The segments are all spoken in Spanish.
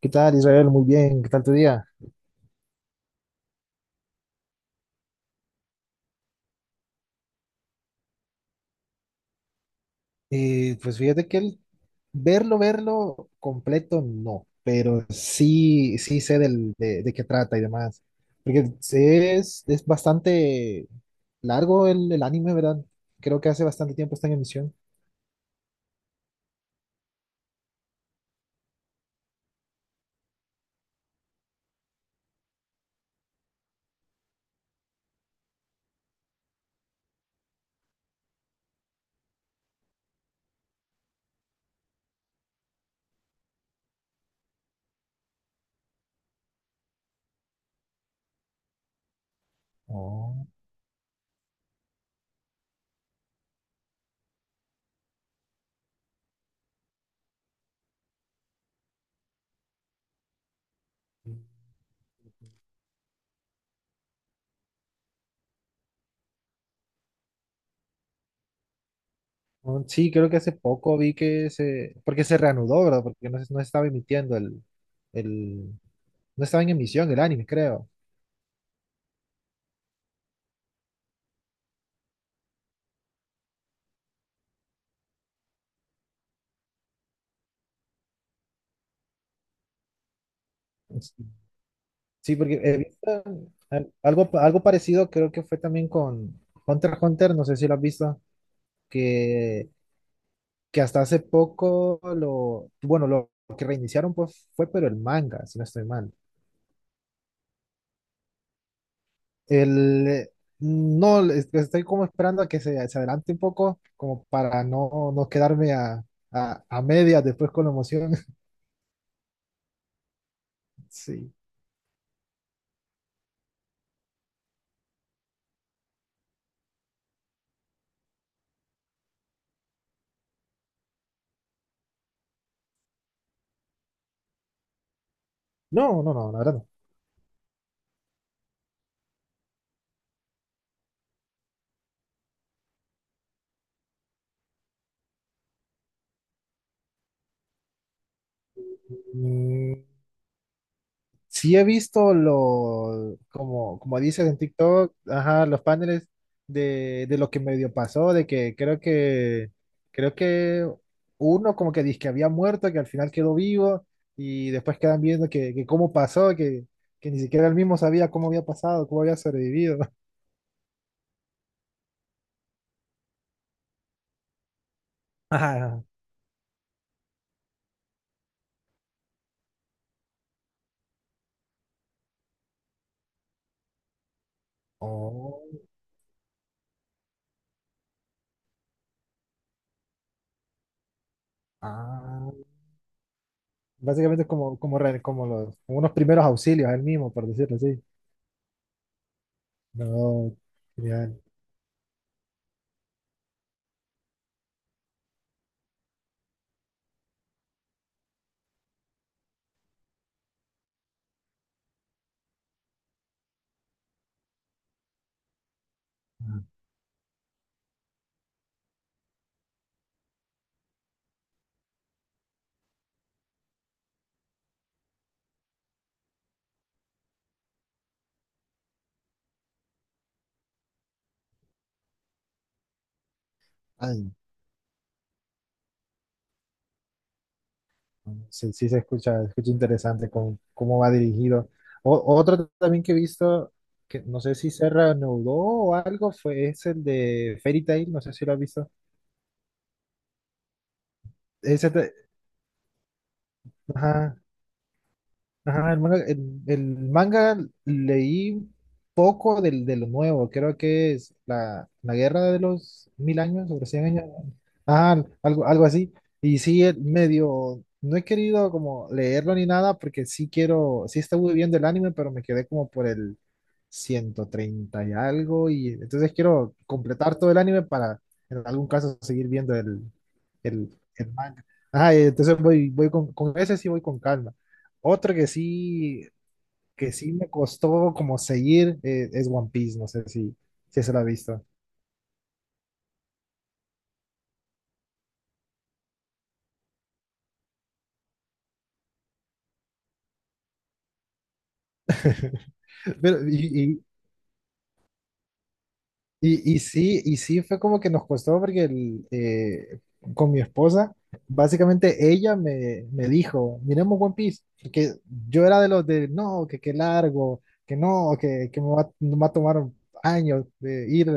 ¿Qué tal, Israel? Muy bien, ¿qué tal tu día? Pues fíjate que el verlo completo, no, pero sí sé de qué trata y demás, porque es bastante largo el anime, ¿verdad? Creo que hace bastante tiempo está en emisión. Oh. Oh, sí, creo que hace poco vi que porque se reanudó, ¿verdad? Porque no, no estaba emitiendo el, no estaba en emisión el anime, creo. Sí, porque he visto algo parecido, creo que fue también con Hunter x Hunter, no sé si lo has visto, que, que hasta hace poco bueno, lo que reiniciaron pues fue, pero el manga, si no estoy mal. El, no, estoy como esperando a que se adelante un poco, como para no quedarme a medias después con la emoción. Sí. No, no, no, la verdad no. Sí he visto como dices en TikTok, ajá, los paneles de lo que medio pasó, de que creo que uno como que dice que había muerto, que al final quedó vivo, y después quedan viendo que, cómo pasó, que ni siquiera él mismo sabía cómo había pasado, cómo había sobrevivido. Ajá. Oh, ah. Básicamente es como los, como unos primeros auxilios, él mismo, por decirlo así. No, genial. Ah, ay, sí, sí se escucha interesante con cómo va dirigido. Otro también que he visto, que no sé si se reanudó o algo, es el de Fairy Tail, no sé si lo has visto. Ese, te- ajá, ajá, el manga leí poco de lo nuevo, creo que es la guerra de los 1000 años, sobre 100 años, ah, algo así. Y sí, el medio, no he querido como leerlo ni nada porque sí estuve viendo el anime, pero me quedé como por el 130 y algo, y entonces quiero completar todo el anime para en algún caso seguir viendo el manga. Ajá, entonces voy con ese sí voy con calma. Otro que sí me costó como seguir es One Piece, no sé si se lo ha visto. Pero, y sí, fue como que nos costó porque con mi esposa, básicamente ella me dijo, miremos One Piece, porque yo era de los de, no, que qué largo, que no, que me va a tomar años de ir.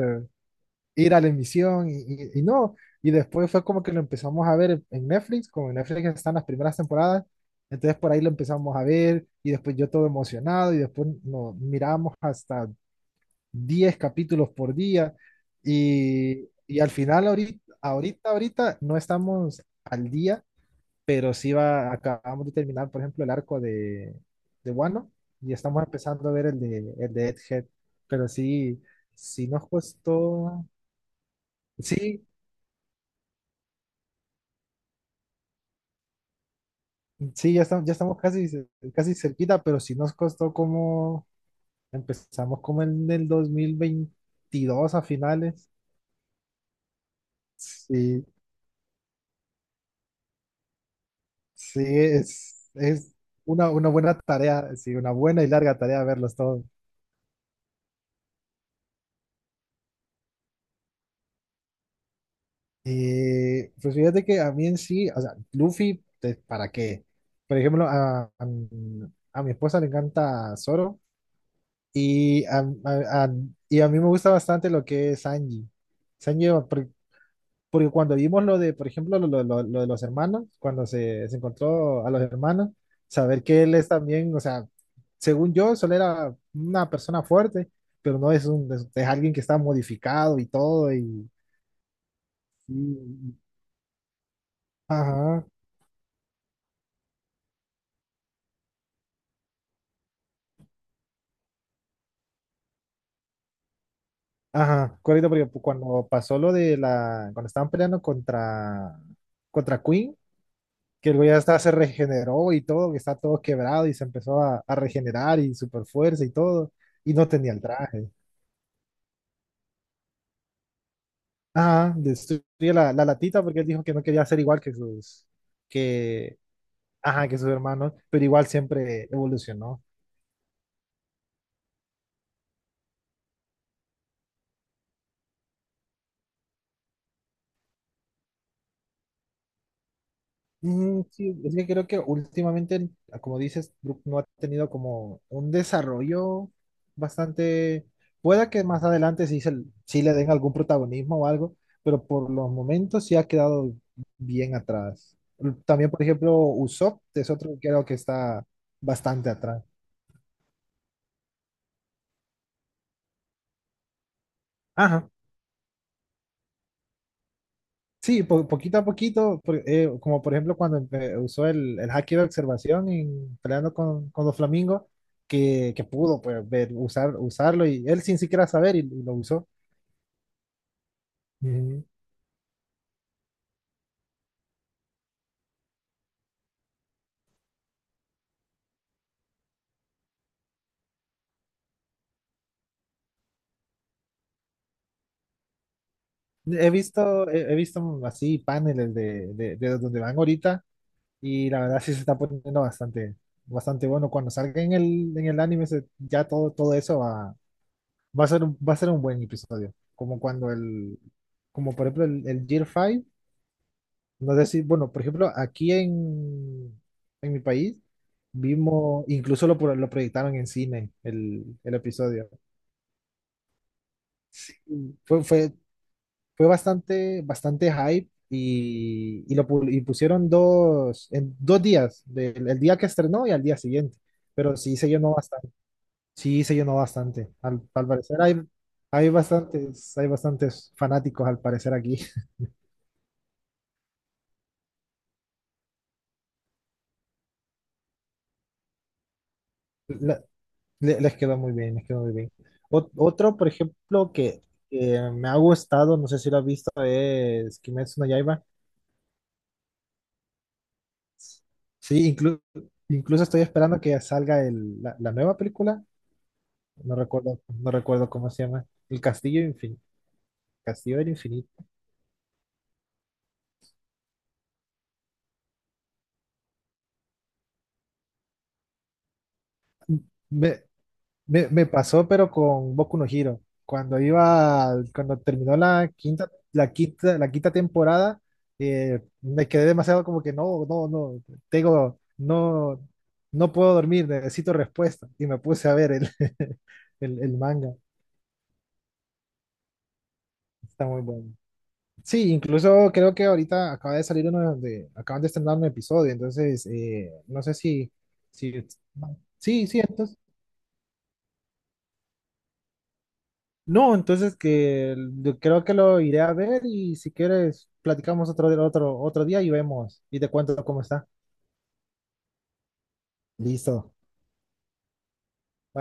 Ir a la emisión y no. Y después fue como que lo empezamos a ver en Netflix, como en Netflix están las primeras temporadas, entonces por ahí lo empezamos a ver y después yo todo emocionado y después nos miramos hasta 10 capítulos por día y al final ahorita no estamos al día, pero acabamos de terminar, por ejemplo, el arco de Wano y estamos empezando a ver el de Egghead, pero sí nos costó. Sí, sí, ya estamos casi cerquita, pero sí nos costó como, empezamos como en el 2022 a finales. Sí, sí, es una buena tarea, sí, una buena y larga tarea verlos todos. Pues fíjate que a mí en sí, o sea, Luffy, ¿para qué? Por ejemplo, a mi esposa le encanta Zoro y a, a- a- y a mí me gusta bastante lo que es Sanji. Sanji, porque cuando vimos lo de, por ejemplo, lo de los hermanos, cuando se encontró a los hermanos, saber que él es también, o sea, según yo, solo era una persona fuerte, pero no es es alguien que está modificado y todo, y- ajá, ajá, correcto, porque cuando pasó cuando estaban peleando contra Queen, que el güey hasta se regeneró y todo, que está todo quebrado y se empezó a regenerar y super fuerza y todo, y no tenía el traje. Ajá, destruye la latita porque él dijo que no quería ser igual que sus, que, ajá, que sus hermanos, pero igual siempre evolucionó. Mm, sí, es que creo que últimamente, como dices, Brook no ha tenido como un desarrollo bastante, pueda que más adelante sí, sí le den algún protagonismo o algo, pero por los momentos sí ha quedado bien atrás. También, por ejemplo, Usopp es otro que creo que está bastante atrás. Ajá. Sí, poquito a poquito, como por ejemplo cuando usó el haki de observación en peleando con los flamingos, que pudo pues, usarlo y él sin siquiera saber y lo usó. Ujú. He visto así paneles de donde van ahorita y la verdad sí se está poniendo bastante, bastante bueno. Cuando salga en el anime ya todo eso va a ser un buen episodio. Como cuando como por ejemplo el Gear 5. No sé si, bueno, por ejemplo, aquí en mi país vimos, incluso lo proyectaron en cine el episodio. Fue, fue, fue bastante, bastante hype y pusieron dos, en 2 días, del el día que estrenó y al día siguiente. Pero sí se llenó bastante, sí se llenó bastante. Al parecer hay bastantes fanáticos al parecer aquí. La- les quedó muy bien, les quedó muy bien. Otro, por ejemplo, que me ha gustado, no sé si lo has visto, es Kimetsu no Yaiba. Sí, incluso estoy esperando que salga la nueva película. No recuerdo cómo se llama. El Castillo Infinito. Castillo del Infinito. Me, me pasó, pero con Boku no Hero. Cuando cuando terminó la quinta temporada, me quedé demasiado como que no, no, no, no, no puedo dormir, necesito respuesta. Y me puse a ver el manga. Está muy bueno. Sí, incluso creo que ahorita acaba de salir acaban de estrenar un episodio, entonces no sé si, sí, entonces. No, entonces yo creo que lo iré a ver y si quieres platicamos otro día y vemos y te cuento cómo está. Listo. Bye.